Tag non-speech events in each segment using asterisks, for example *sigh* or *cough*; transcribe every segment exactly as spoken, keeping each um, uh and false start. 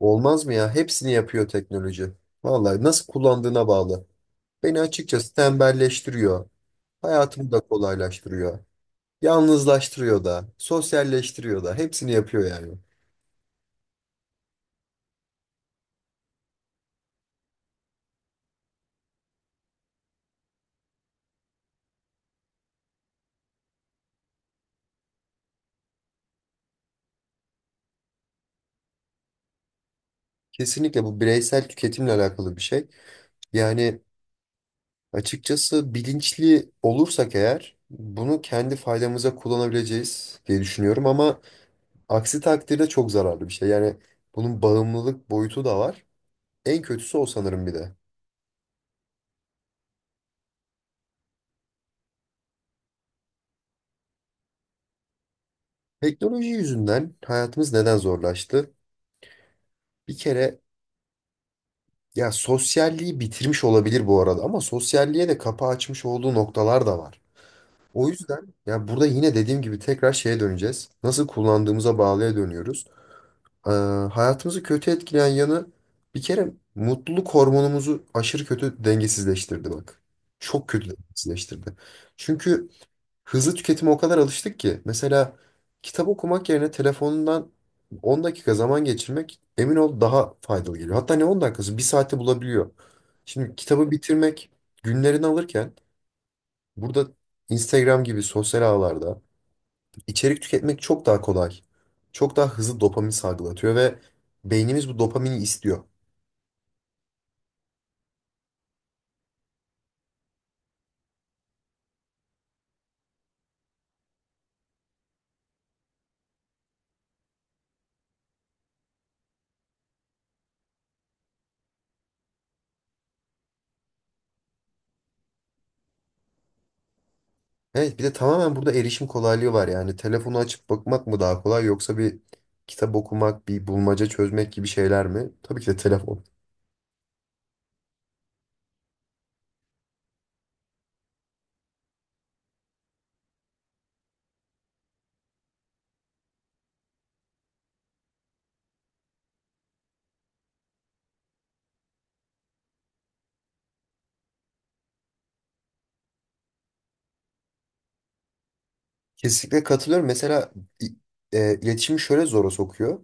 Olmaz mı ya? Hepsini yapıyor teknoloji. Vallahi nasıl kullandığına bağlı. Beni açıkçası tembelleştiriyor. Hayatımı da kolaylaştırıyor. Yalnızlaştırıyor da, sosyalleştiriyor da. Hepsini yapıyor yani. Kesinlikle bu bireysel tüketimle alakalı bir şey. Yani açıkçası bilinçli olursak eğer bunu kendi faydamıza kullanabileceğiz diye düşünüyorum ama aksi takdirde çok zararlı bir şey. Yani bunun bağımlılık boyutu da var. En kötüsü o sanırım bir de. Teknoloji yüzünden hayatımız neden zorlaştı? Bir kere ya sosyalliği bitirmiş olabilir bu arada ama sosyalliğe de kapı açmış olduğu noktalar da var. O yüzden ya burada yine dediğim gibi tekrar şeye döneceğiz. Nasıl kullandığımıza bağlıya dönüyoruz. Ee, hayatımızı kötü etkileyen yanı bir kere mutluluk hormonumuzu aşırı kötü dengesizleştirdi bak. Çok kötü dengesizleştirdi. Çünkü hızlı tüketime o kadar alıştık ki. Mesela kitap okumak yerine telefonundan on dakika zaman geçirmek emin ol daha faydalı geliyor. Hatta ne on dakikası bir saate bulabiliyor. Şimdi kitabı bitirmek günlerini alırken burada Instagram gibi sosyal ağlarda içerik tüketmek çok daha kolay. Çok daha hızlı dopamin salgılatıyor ve beynimiz bu dopamini istiyor. Evet bir de tamamen burada erişim kolaylığı var yani. Telefonu açıp bakmak mı daha kolay yoksa bir kitap okumak, bir bulmaca çözmek gibi şeyler mi? Tabii ki de telefon. Kesinlikle katılıyorum. Mesela i- e, iletişimi şöyle zora sokuyor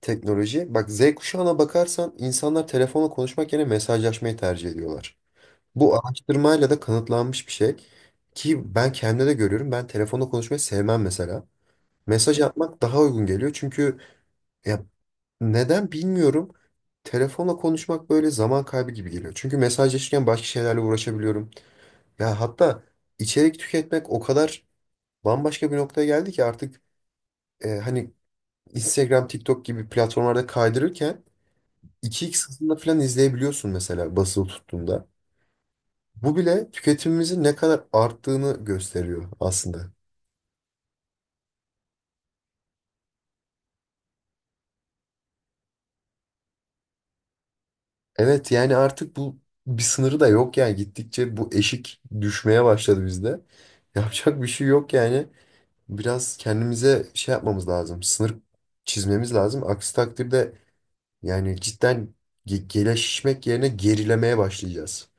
teknoloji. Bak zet kuşağına bakarsan insanlar telefonla konuşmak yerine mesajlaşmayı tercih ediyorlar. Bu araştırmayla da kanıtlanmış bir şey. Ki ben kendimde de görüyorum. Ben telefonla konuşmayı sevmem mesela. Mesaj atmak daha uygun geliyor. Çünkü ya neden bilmiyorum. Telefonla konuşmak böyle zaman kaybı gibi geliyor. Çünkü mesajlaşırken başka şeylerle uğraşabiliyorum. Ya hatta içerik tüketmek o kadar bambaşka bir noktaya geldi ki artık e, hani Instagram, TikTok gibi platformlarda kaydırırken iki iks hızında falan izleyebiliyorsun mesela basılı tuttuğunda. Bu bile tüketimimizin ne kadar arttığını gösteriyor aslında. Evet yani artık bu bir sınırı da yok yani gittikçe bu eşik düşmeye başladı bizde. *laughs* Yapacak bir şey yok yani. Biraz kendimize şey yapmamız lazım. Sınır çizmemiz lazım. Aksi takdirde yani cidden ge- gelişmek yerine gerilemeye başlayacağız.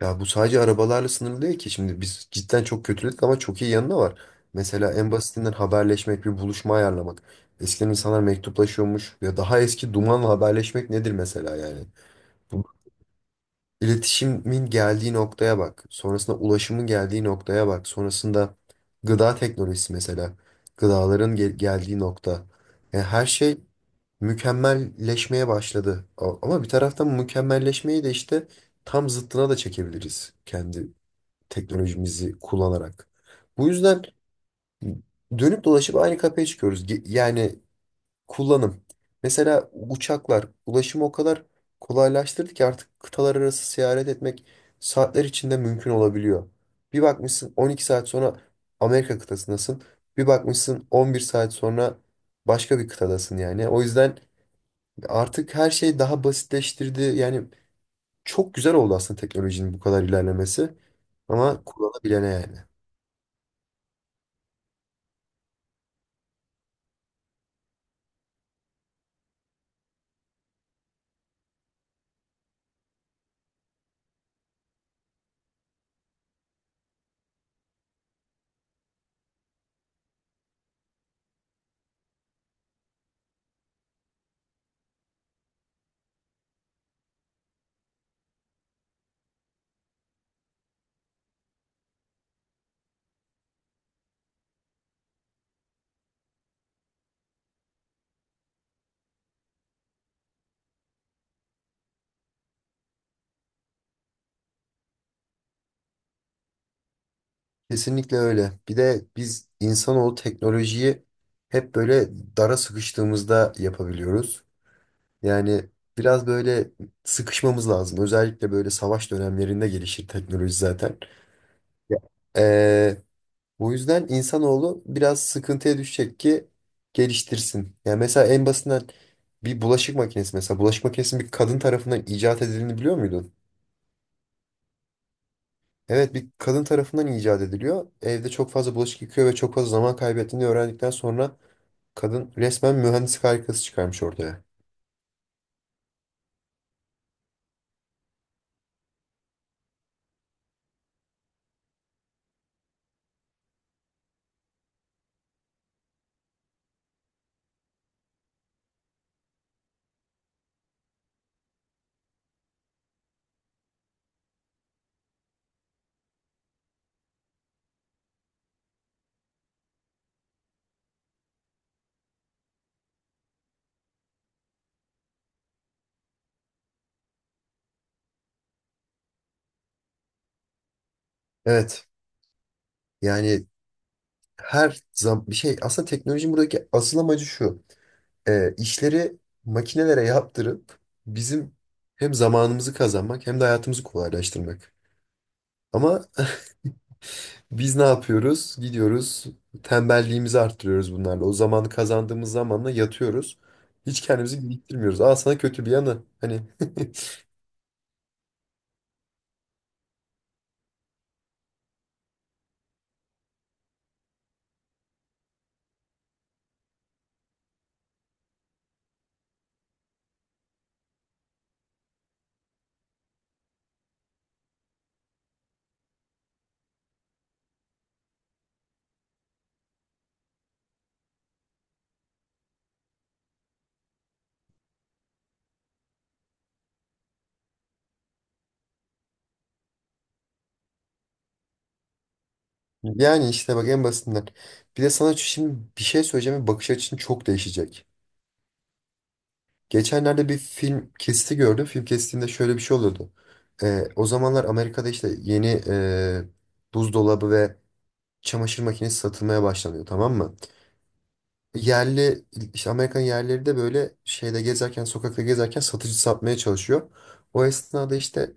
Ya bu sadece arabalarla sınırlı değil ki. Şimdi biz cidden çok kötüledik ama çok iyi yanı da var. Mesela en basitinden haberleşmek, bir buluşma ayarlamak. Eskiden insanlar mektuplaşıyormuş. Ya daha eski dumanla haberleşmek nedir mesela yani? İletişimin geldiği noktaya bak. Sonrasında ulaşımın geldiği noktaya bak. Sonrasında gıda teknolojisi mesela. Gıdaların gel- geldiği nokta. Yani her şey mükemmelleşmeye başladı. A- Ama bir taraftan mükemmelleşmeyi de işte tam zıttına da çekebiliriz. Kendi teknolojimizi kullanarak. Bu yüzden dönüp dolaşıp aynı kapıya çıkıyoruz. Ge- Yani kullanım. Mesela uçaklar ulaşımı o kadar kolaylaştırdı ki artık kıtalar arası seyahat etmek saatler içinde mümkün olabiliyor. Bir bakmışsın on iki saat sonra Amerika kıtasındasın. Bir bakmışsın on bir saat sonra başka bir kıtadasın yani. O yüzden artık her şey daha basitleştirdi. Yani çok güzel oldu aslında teknolojinin bu kadar ilerlemesi. Ama kullanabilene yani. Kesinlikle öyle. Bir de biz insanoğlu teknolojiyi hep böyle dara sıkıştığımızda yapabiliyoruz. Yani biraz böyle sıkışmamız lazım. Özellikle böyle savaş dönemlerinde gelişir teknoloji zaten. Ya. Ee, bu yüzden insanoğlu biraz sıkıntıya düşecek ki geliştirsin. Yani mesela en basitinden bir bulaşık makinesi mesela bulaşık makinesinin bir kadın tarafından icat edildiğini biliyor muydun? Evet bir kadın tarafından icat ediliyor. Evde çok fazla bulaşık yıkıyor ve çok fazla zaman kaybettiğini öğrendikten sonra kadın resmen mühendislik harikası çıkarmış ortaya. Evet. Yani her zaman bir şey aslında teknolojinin buradaki asıl amacı şu. Ee, işleri makinelere yaptırıp bizim hem zamanımızı kazanmak hem de hayatımızı kolaylaştırmak. Ama *laughs* biz ne yapıyoruz? Gidiyoruz tembelliğimizi arttırıyoruz bunlarla. O zamanı kazandığımız zamanla yatıyoruz. Hiç kendimizi geliştirmiyoruz. Aa sana kötü bir yanı. Hani. *laughs* Yani işte bak en basitinden. Bir de sana şimdi bir şey söyleyeceğim ve bakış açın çok değişecek. Geçenlerde bir film kesti gördüm. Film kestiğinde şöyle bir şey oluyordu. Ee, o zamanlar Amerika'da işte yeni e, buzdolabı ve çamaşır makinesi satılmaya başlanıyor, tamam mı? Yerli işte Amerikan yerlileri de böyle şeyde gezerken sokakta gezerken satıcı satmaya çalışıyor. O esnada işte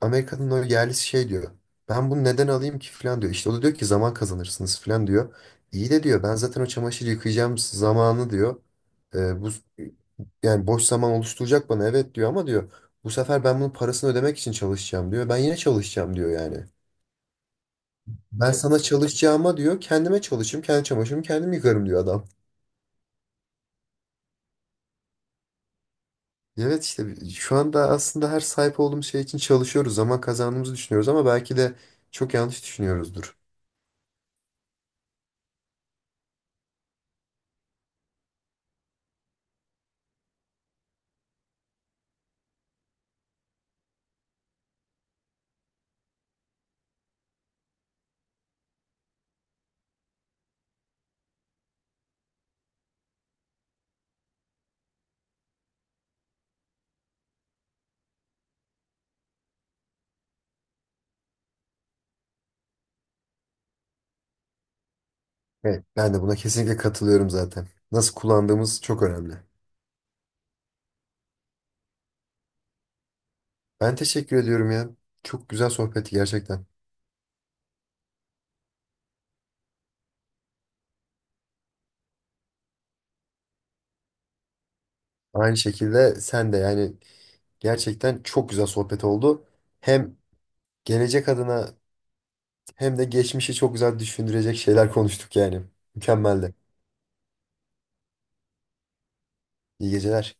Amerika'nın o yerlisi şey diyor. Ben bunu neden alayım ki falan diyor. İşte o da diyor ki zaman kazanırsınız falan diyor. İyi de diyor ben zaten o çamaşırı yıkayacağım zamanı diyor. E, bu yani boş zaman oluşturacak bana evet diyor ama diyor bu sefer ben bunun parasını ödemek için çalışacağım diyor. Ben yine çalışacağım diyor yani. Ben sana çalışacağıma diyor kendime çalışırım, kendi çamaşırımı kendim yıkarım diyor adam. Evet işte şu anda aslında her sahip olduğumuz şey için çalışıyoruz zaman kazandığımızı düşünüyoruz ama belki de çok yanlış düşünüyoruzdur. Evet. Ben de buna kesinlikle katılıyorum zaten. Nasıl kullandığımız çok önemli. Ben teşekkür ediyorum ya. Çok güzel sohbetti gerçekten. Aynı şekilde sen de yani gerçekten çok güzel sohbet oldu. Hem gelecek adına hem de geçmişi çok güzel düşündürecek şeyler konuştuk yani. Mükemmeldi. İyi geceler.